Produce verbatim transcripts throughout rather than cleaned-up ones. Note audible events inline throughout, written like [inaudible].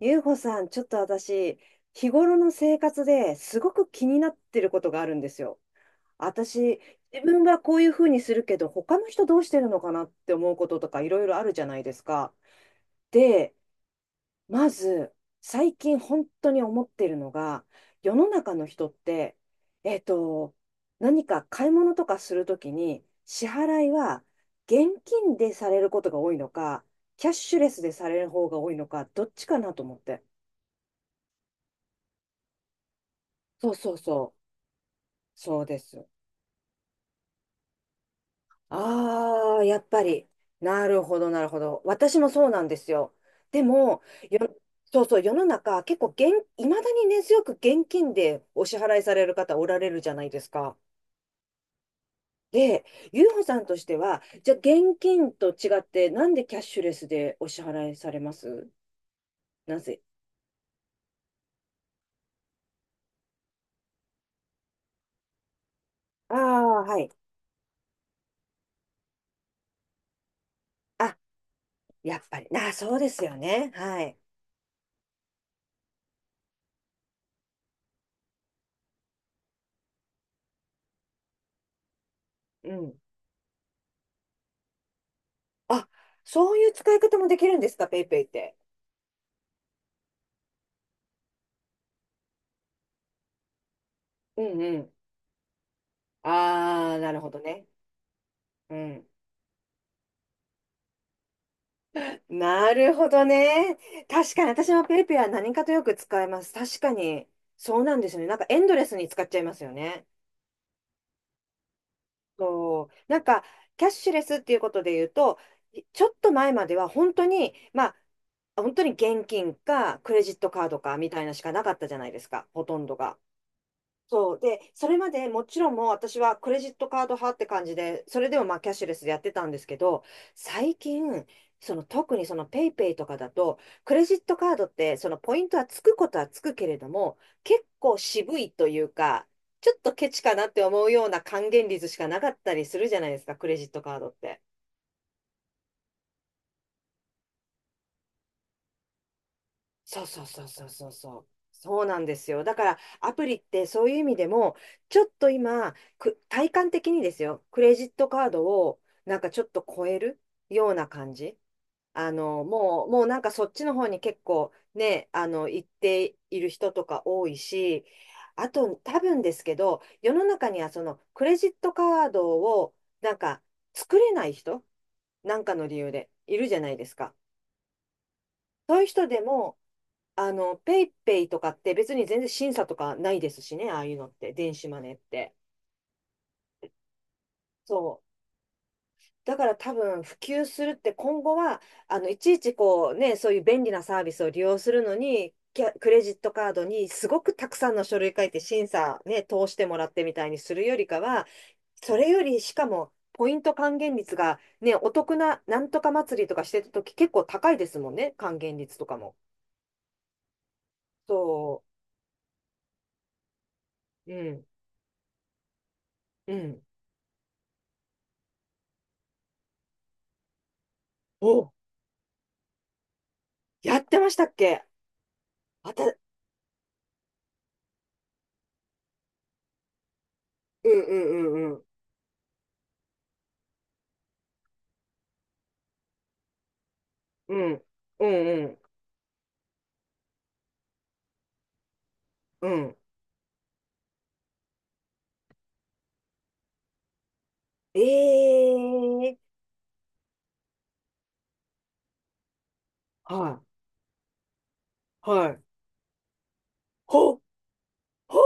ゆうほさん、ちょっと私、日頃の生活ですごく気になってることがあるんですよ。私、自分はこういうふうにするけど、他の人どうしてるのかなって思うこととかいろいろあるじゃないですか。で、まず、最近本当に思ってるのが、世の中の人って、えっと、何か買い物とかするときに、支払いは現金でされることが多いのか、キャッシュレスでされる方が多いのか、どっちかなと思って。そうそうそう。そうです。ああ、やっぱり。なるほど、なるほど。私もそうなんですよ。でも、よ、そうそう、世の中、結構現、いまだに根強く現金でお支払いされる方おられるじゃないですか。で、ゆうほさんとしては、じゃあ現金と違って、なんでキャッシュレスでお支払いされます？なぜああ、はい。あ、やっぱり。あー、そうですよね。はい。うん。あ、そういう使い方もできるんですか、ペイペイって。うん、ああ、なるほどね。うん。なるほどね。確かに私もペイペイは何かとよく使います。確かに。そうなんですよね。なんかエンドレスに使っちゃいますよね。そう。なんか、キャッシュレスっていうことで言うと、ちょっと前までは本当に、まあ、本当に現金かクレジットカードかみたいなしかなかったじゃないですか、ほとんどが。そう。で、それまでもちろんもう私はクレジットカード派って感じで、それでもまあキャッシュレスでやってたんですけど、最近、その特にそのペイペイとかだと、クレジットカードってそのポイントはつくことはつくけれども、結構渋いというか、ちょっとケチかなって思うような還元率しかなかったりするじゃないですか、クレジットカードって。そうそうそうそうそうそう。そうなんですよ。だからアプリってそういう意味でも、ちょっと今、く体感的にですよ、クレジットカードをなんかちょっと超えるような感じ。あの、もう、もうなんかそっちの方に結構ね、あの、行っている人とか多いし、あと多分ですけど、世の中にはそのクレジットカードをなんか作れない人、なんかの理由でいるじゃないですか。そういう人でも、あの、ペイペイとかって別に全然審査とかないですしね、ああいうのって、電子マネーって。そう。だから多分普及するって今後は、あの、いちいちこうね、そういう便利なサービスを利用するのに、キャクレジットカードにすごくたくさんの書類書いて審査ね、通してもらってみたいにするよりかは、それよりしかも、ポイント還元率がね、お得ななんとか祭りとかしてた時結構高いですもんね、還元率とかも。そう。うん。うん。お、やってましたっけ？あた、うん、うんうんうん。うん。うんうん。うん。ええー、はい。はい。ほ、ほ、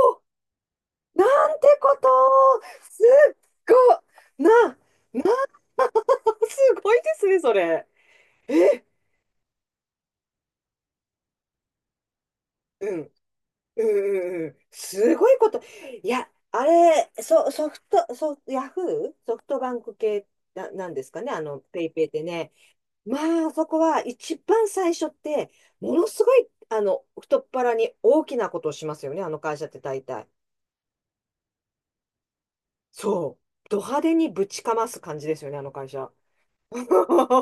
なんてこと、すっご、な、な、[laughs] すごいですね、それ。え、うん。うんうんうん。すごいこと。いや、あれ、ソ、ソフト、ソ、ヤフーソフトバンク系な、なんですかね、あの、ペイペイってね。まあ、そこは一番最初って、ものすごい、あの、太っ腹に大きなことをしますよね、あの会社って大体。そう。ド派手にぶちかます感じですよね、あの会社。[laughs]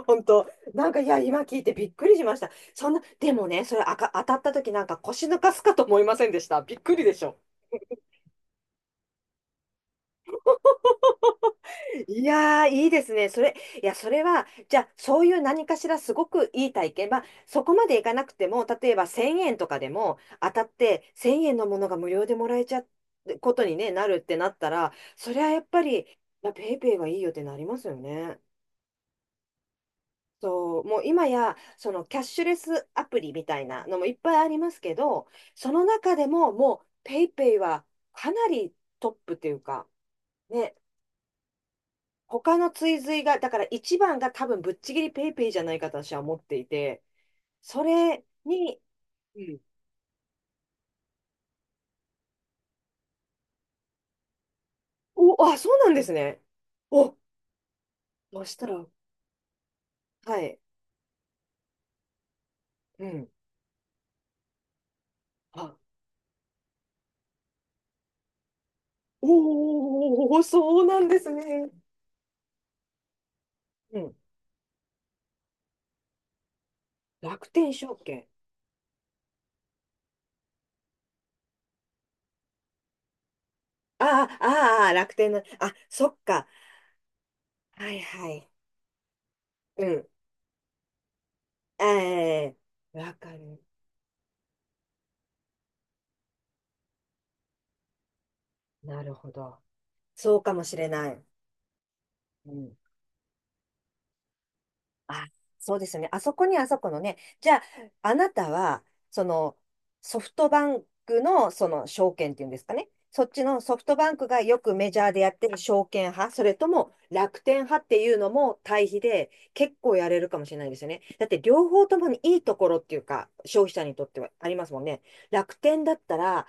本当。なんか、いや、今聞いてびっくりしました。そんな、でもね、それあか、当たった時なんか腰抜かすかと思いませんでした？びっくりでしょ。いやー、いいですね。それ、いや、それは、じゃあ、そういう何かしらすごくいい体験。まあ、そこまでいかなくても、例えばせんえんとかでも当たってせんえんのものが無料でもらえちゃうことに、ね、なるってなったら、それはやっぱり、いや、ペイペイがいいよってなりますよね。そう、もう今や、そのキャッシュレスアプリみたいなのもいっぱいありますけど、その中でももうペイペイはかなりトップというか、ね、他の追随が、だから一番が多分ぶっちぎりペイペイじゃないかと私は思っていて、それに、うん、お、あ、そうなんですね。お、そしたら、はい、うん。あ、おー、そうなんですね。うん。楽天証券。ああ、ああ、楽天の、あ、そっか。はいはい。うん。ええ、わかる。なるほど。そうかもしれない。うん、あ、そうですよね。あそこにあそこのね。じゃあ、あなたは、その、ソフトバンクの、その、証券っていうんですかね。そっちのソフトバンクがよくメジャーでやってる証券派、それとも楽天派っていうのも対比で結構やれるかもしれないですよね。だって両方ともにいいところっていうか、消費者にとってはありますもんね。楽天だったら、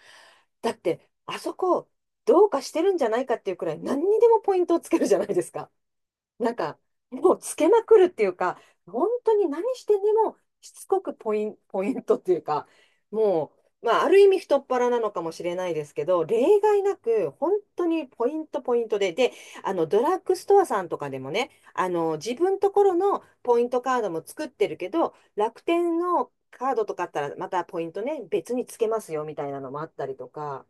だってあそこどうかしてるんじゃないかっていうくらい何にでもポイントをつけるじゃないですか。なんか、もうつけまくるっていうか、本当に何してでもしつこくポイン、ポイントっていうか、もう、まあ、ある意味太っ腹なのかもしれないですけど、例外なく、本当にポイント、ポイントで、で、あの、ドラッグストアさんとかでもね、あの、自分ところのポイントカードも作ってるけど、楽天のカードとかあったら、またポイントね、別につけますよ、みたいなのもあったりとか、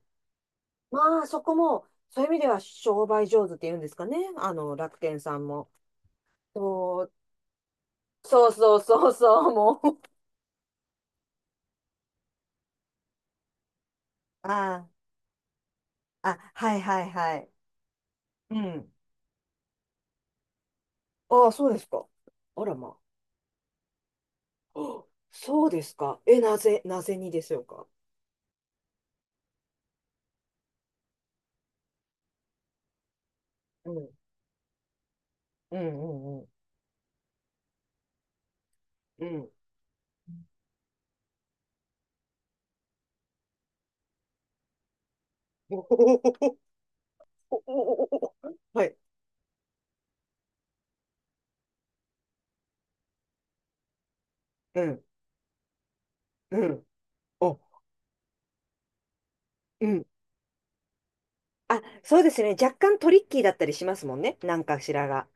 まあ、そこも、そういう意味では商売上手っていうんですかね、あの、楽天さんも。そう、そうそうそうそう、もう。ああ、あ、はいはいはい。うん。ああ、そうですか。あらまあ。あ、そうですか。え、なぜ、なぜにでしょうか。うん。うんうんうん。うん。[laughs] おお、はい。うん。うん。お、うん。あ、そうですね。若干トリッキーだったりしますもんね。なんかしらが。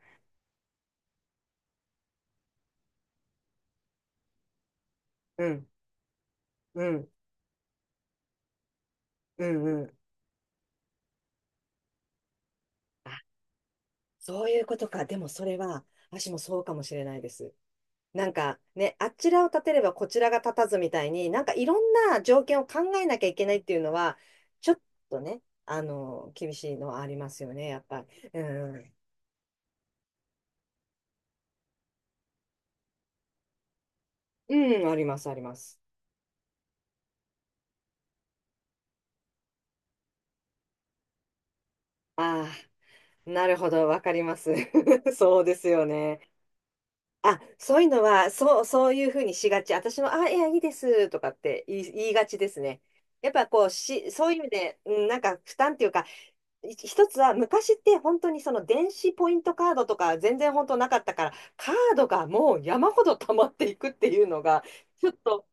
うん、うん、うん、うん。あ、そういうことか。でもそれは、私もそうかもしれないです。なんかね、あちらを立てればこちらが立たずみたいに、なんかいろんな条件を考えなきゃいけないっていうのは、ちょっとね、あの、厳しいのはありますよね、やっぱり。うん、うん、あります、あります。ああ、なるほど、わかります。[laughs] そうですよね。あ、そういうのは、そう、そういうふうにしがち。私も、あ、いや、いいですとかって言い、言いがちですね。やっぱこうし、そういう意味で、うん、なんか負担っていうか、い一つは昔って本当にその電子ポイントカードとか全然本当なかったから、カードがもう山ほど溜まっていくっていうのが、ちょっと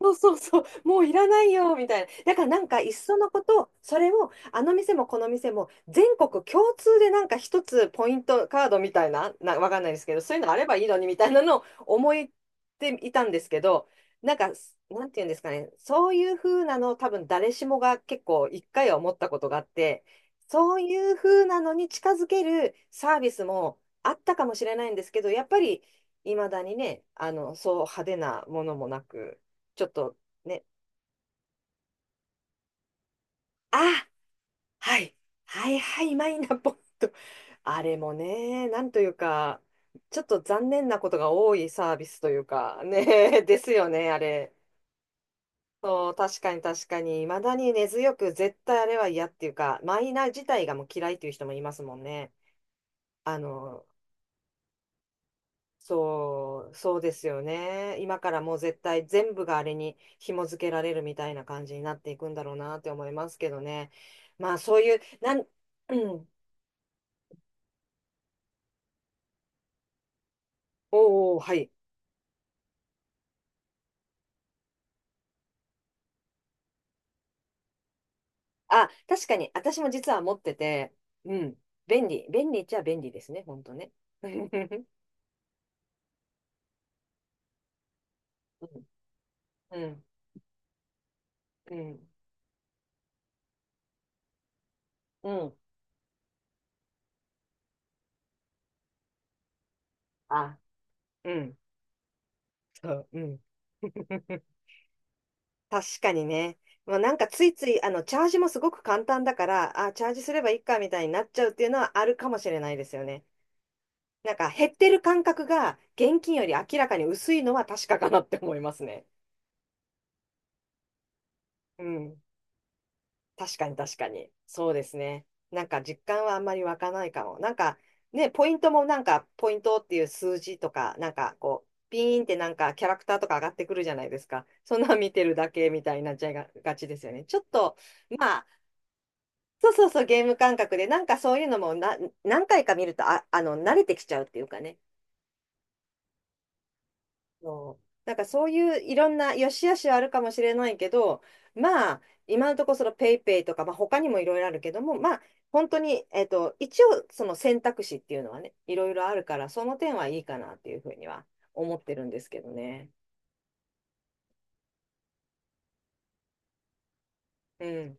そうそうそう、もういらないよ、みたいな。だからなんか、いっそのこと、それを、あの店もこの店も、全国共通でなんか一つポイントカードみたいな、な、わかんないですけど、そういうのあればいいのに、みたいなのを思っていたんですけど、なんか、なんていうんですかね、そういう風なの、多分誰しもが結構一回は思ったことがあって、そういう風なのに近づけるサービスもあったかもしれないんですけど、やっぱり、いまだにね、あの、そう派手なものもなく、ちょっとね、あ、はい、はいはい、マイナポイント。あれもね、なんというか、ちょっと残念なことが多いサービスというか、ね、[laughs] ですよね、あれ。そう、確かに確かに、未だに根強く絶対あれは嫌っていうか、マイナ自体がもう嫌いっていう人もいますもんね。あの、そう、そうですよね。今からもう絶対全部があれに紐付けられるみたいな感じになっていくんだろうなって思いますけどね。まあそういう、なん、うん、おお、はい。あ、確かに、私も実は持ってて、うん、便利、便利っちゃ便利ですね、本当ね。[laughs] うん、うん、うん、うん。あ、うん、そう、うん。[laughs] 確かにね。まあ、なんかついつい、あの、チャージもすごく簡単だから、あ、チャージすればいいかみたいになっちゃうっていうのはあるかもしれないですよね。なんか減ってる感覚が現金より明らかに薄いのは確かかなって思いますね。うん。確かに確かに。そうですね。なんか実感はあんまり湧かないかも。なんかね、ポイントもなんかポイントっていう数字とか、なんかこう、ピーンってなんかキャラクターとか上がってくるじゃないですか。そんなん見てるだけみたいになっちゃいが、がちですよね。ちょっと、まあ、そうそうそう、ゲーム感覚で、なんかそういうのもな何回か見ると、あ、あの、慣れてきちゃうっていうかね。そう、なんかそういういろんな良し悪しはあるかもしれないけど、まあ、今のところそのペイペイとか、まあ、他にもいろいろあるけども、まあ、本当に、えっと、一応その選択肢っていうのはね、いろいろあるから、その点はいいかなっていうふうには思ってるんですけどね。うん。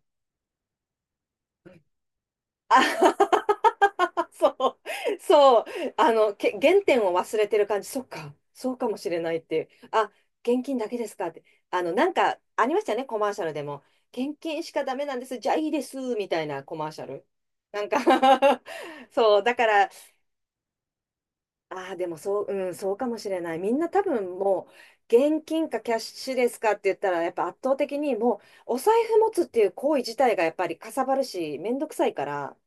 あ、 [laughs] そう、そう、あの、け、原点を忘れてる感じ、そっか、そうかもしれないっていう、あ、現金だけですかって、あの、なんかありましたよね、コマーシャルでも、現金しかダメなんです、じゃあいいです、みたいなコマーシャル。なんか、 [laughs] そう、だから、ああでもそう、うん、そうかもしれない。みんな多分もう、現金かキャッシュですかって言ったら、やっぱ圧倒的にもう、お財布持つっていう行為自体がやっぱりかさばるし、めんどくさいから、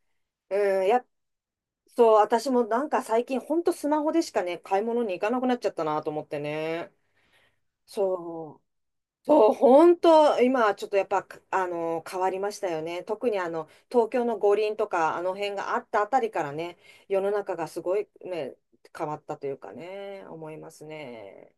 うん、やっそう、私もなんか最近ほんとスマホでしかね、買い物に行かなくなっちゃったなと思ってね。そう。そう、ほんと、今ちょっとやっぱ、あの、変わりましたよね。特にあの、東京の五輪とか、あの辺があったあたりからね、世の中がすごいね、変わったというかね、思いますね。